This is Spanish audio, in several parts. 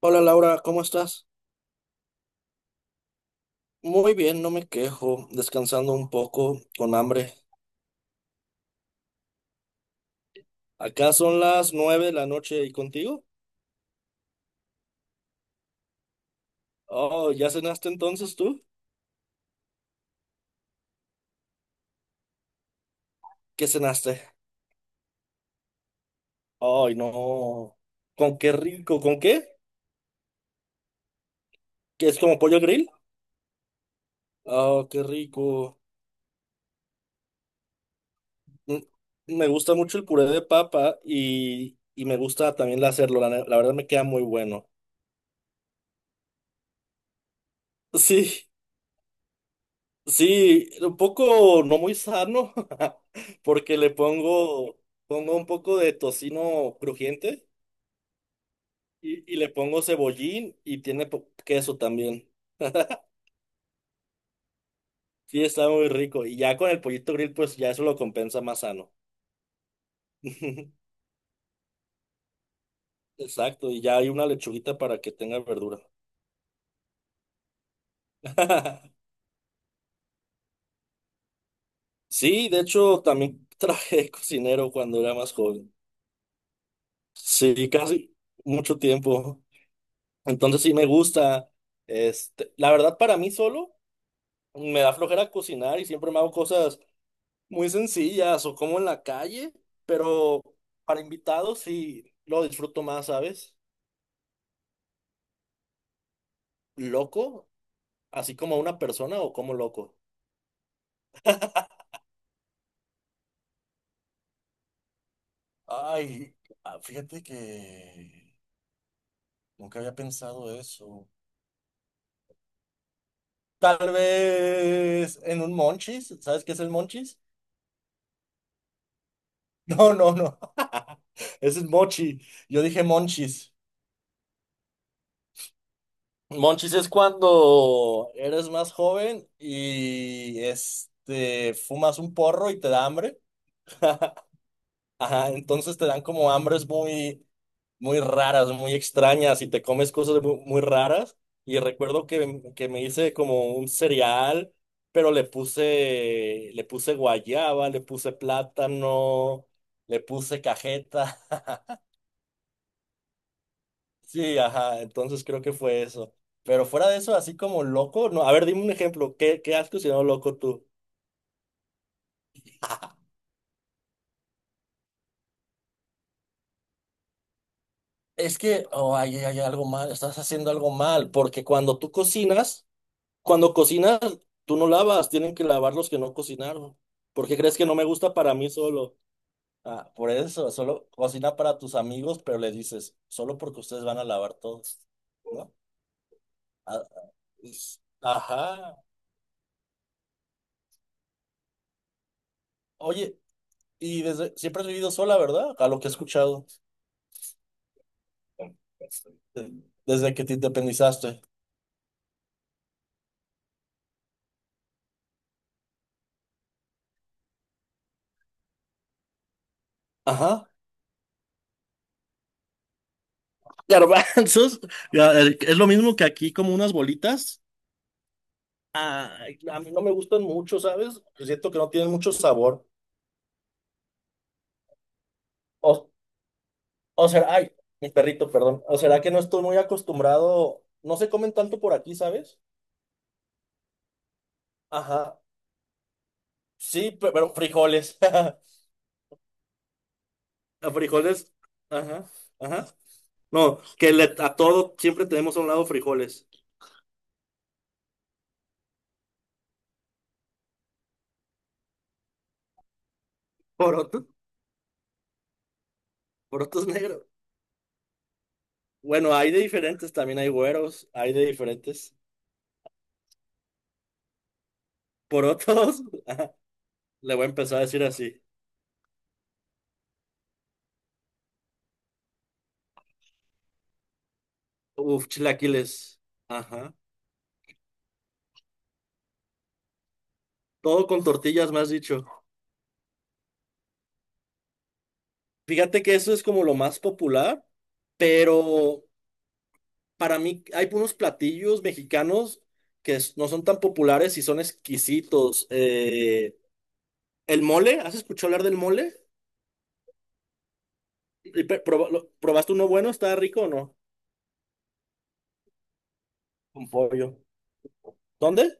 Hola Laura, ¿cómo estás? Muy bien, no me quejo, descansando un poco, con hambre. Acá son las 9 de la noche y contigo. Oh, ¿ya cenaste entonces tú? ¿Qué cenaste? Ay, no. ¿Con qué rico? ¿Con qué? ¿Que es como pollo grill? Oh, qué rico. Mm, Me gusta mucho el puré de papa y me gusta también hacerlo, la verdad me queda muy bueno. Sí, sí, un poco no muy sano, porque pongo un poco de tocino crujiente y le pongo cebollín y tiene queso también. Sí, está muy rico. Y ya con el pollito grill, pues ya eso lo compensa más sano. Exacto, y ya hay una lechuguita para que tenga verdura. Sí, de hecho, también trabajé de cocinero cuando era más joven. Sí, casi mucho tiempo. Entonces sí me gusta. Este, la verdad, para mí solo. Me da flojera cocinar y siempre me hago cosas muy sencillas o como en la calle, pero para invitados sí lo disfruto más, ¿sabes? Loco, así como una persona o como loco. Ay, ah, fíjate que nunca había pensado eso. Tal vez en un monchis, ¿sabes qué es el monchis? No, no, no. Ese es mochi. Yo dije monchis. Monchis es cuando eres más joven y este fumas un porro y te da hambre. Ajá, entonces te dan como hambres muy, muy raras, muy extrañas y te comes cosas muy, raras. Y recuerdo que me hice como un cereal, pero le puse guayaba, le puse plátano, le puse cajeta. Sí, ajá, entonces creo que fue eso. Pero fuera de eso, así como loco, no, a ver, dime un ejemplo, ¿qué has cocinado loco tú? Es que, oh, ahí hay, algo mal, estás haciendo algo mal, porque cuando cocinas, tú no lavas, tienen que lavar los que no cocinaron. ¿Por qué crees que no me gusta para mí solo? Ah, por eso, solo cocina para tus amigos, pero le dices, solo porque ustedes van a lavar todos, ¿no? Ah, ajá. Oye, y desde siempre has vivido sola, ¿verdad? A lo que he escuchado. Desde que te independizaste. Ajá. Garbanzos, es lo mismo que aquí, como unas bolitas. Ay, a mí no me gustan mucho, ¿sabes? Yo siento que no tienen mucho sabor. O, o será, ay, mi perrito, perdón. O será que no estoy muy acostumbrado. No se comen tanto por aquí, ¿sabes? Ajá. Sí, pero frijoles. A frijoles, ajá, ajá. No, que a todo siempre tenemos a un lado frijoles. Porotos, porotos negros. Bueno, hay de diferentes, también hay güeros, hay de diferentes. Por otros, ajá, le voy a empezar a decir así. Uf, chilaquiles. Ajá. Todo con tortillas, me has dicho. Fíjate que eso es como lo más popular, pero para mí hay unos platillos mexicanos que no son tan populares y son exquisitos. El mole, ¿has escuchado hablar del mole? Y ¿probaste uno bueno? ¿Está rico o no? Con pollo. ¿Dónde?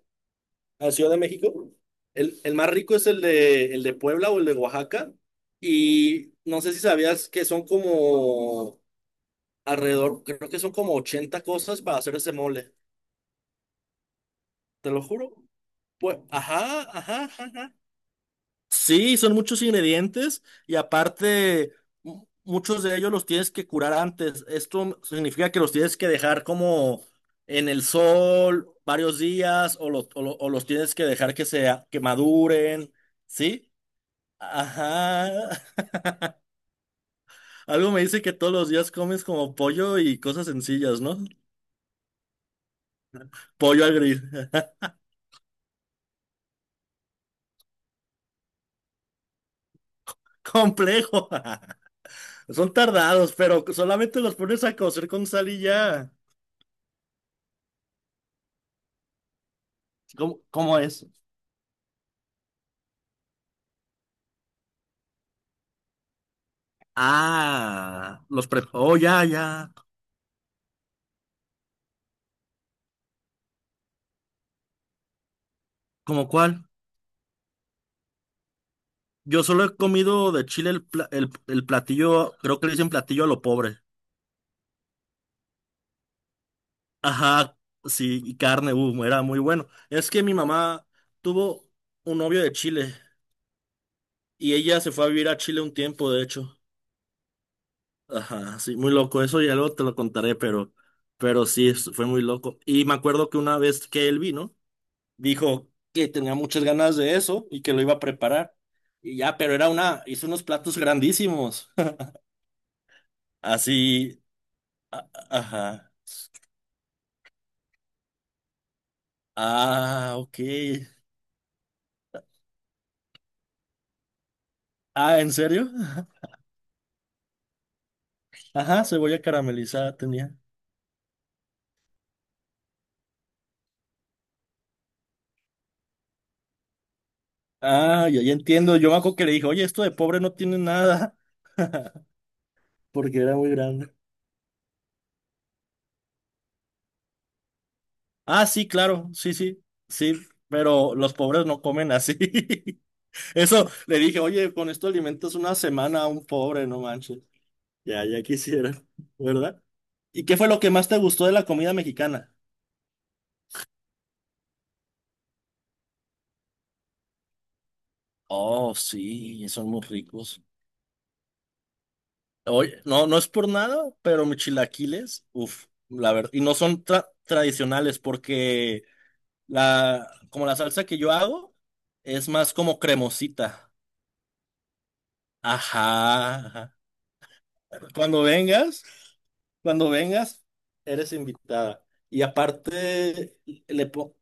La Ciudad de México. El más rico es el de Puebla o el de Oaxaca. Y no sé si sabías que son como alrededor, creo que son como 80 cosas para hacer ese mole. Te lo juro. Pues, ajá, ajá, ajá. Ajá. Sí, son muchos ingredientes y aparte muchos de ellos los tienes que curar antes. Esto significa que los tienes que dejar como en el sol varios días o, o los tienes que dejar que maduren, ¿sí? Ajá. Algo me dice que todos los días comes como pollo y cosas sencillas, ¿no? Pollo al grill. Complejo. Son tardados, pero solamente los pones a cocer con sal y ya. ¿Cómo es? Ah, Oh, ya, ya. ¿Cómo cuál? Yo solo he comido de Chile el platillo, creo que le dicen platillo a lo pobre. Ajá, sí, y carne, era muy bueno. Es que mi mamá tuvo un novio de Chile. Y ella se fue a vivir a Chile un tiempo, de hecho. Ajá, sí, muy loco. Eso ya luego te lo contaré, pero sí, fue muy loco. Y me acuerdo que una vez que él vino, dijo que tenía muchas ganas de eso y que lo iba a preparar. Y ya, pero hizo unos platos grandísimos. Así, ajá. Ah, ok. Ah, ¿en serio? Ajá, cebolla caramelizada tenía. Ah, ya, ya entiendo. Yo me acuerdo que le dije, oye, esto de pobre no tiene nada, porque era muy grande. Ah, sí, claro, sí, sí, sí, pero los pobres no comen así. Eso le dije, oye, con esto alimentas una semana a un pobre, no manches. Ya, ya quisiera, ¿verdad? ¿Y qué fue lo que más te gustó de la comida mexicana? Oh, sí, son muy ricos. Oye, no, no es por nada, pero mis chilaquiles, uff, la verdad, y no son tradicionales porque como la salsa que yo hago es más como cremosita. Ajá, ajá. Cuando vengas, cuando vengas, eres invitada. Y aparte, le po-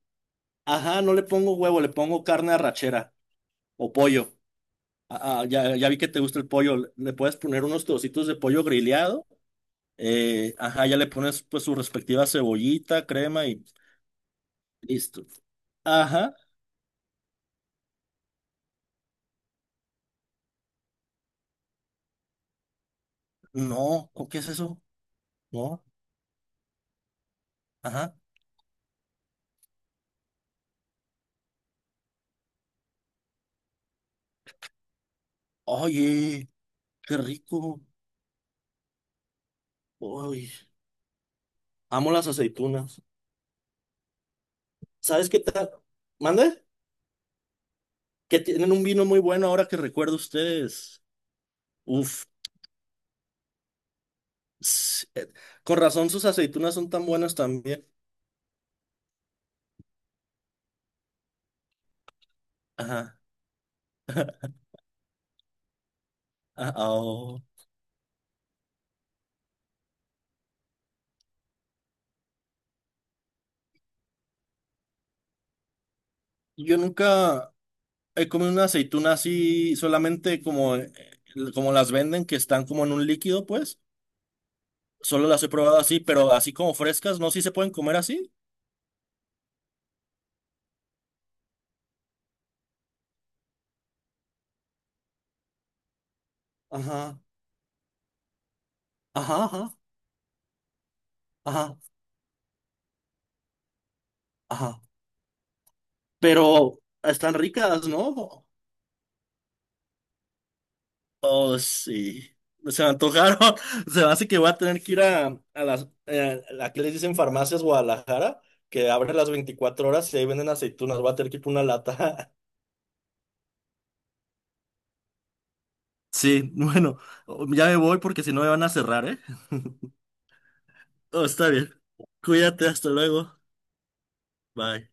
ajá, no le pongo huevo, le pongo carne arrachera o pollo. Ah, ah, ya, ya vi que te gusta el pollo. Le puedes poner unos trocitos de pollo grillado. Ajá, ya le pones pues su respectiva cebollita, crema y listo. Ajá, no, ¿o ¿qué es eso? No, ajá. Oye, qué rico. Oye, amo las aceitunas. ¿Sabes qué tal? ¿Mande? Que tienen un vino muy bueno ahora que recuerdo ustedes. Uf, s- eh, con razón sus aceitunas son tan buenas también. Ajá. Ah, oh. Yo nunca he comido una aceituna así, solamente como las venden, que están como en un líquido, pues. Solo las he probado así, pero así como frescas, ¿no? Sí se pueden comer así. Ajá, ajá, ajá, ajá, ajá. Pero están ricas, ¿no? Oh, sí. Se me antojaron. Se me hace que voy a tener que ir a que les dicen farmacias Guadalajara, que abre las 24 horas y ahí venden aceitunas. Voy a tener que ir por una lata. Sí, bueno, ya me voy porque si no me van a cerrar, ¿eh? Oh, está bien. Cuídate, hasta luego. Bye.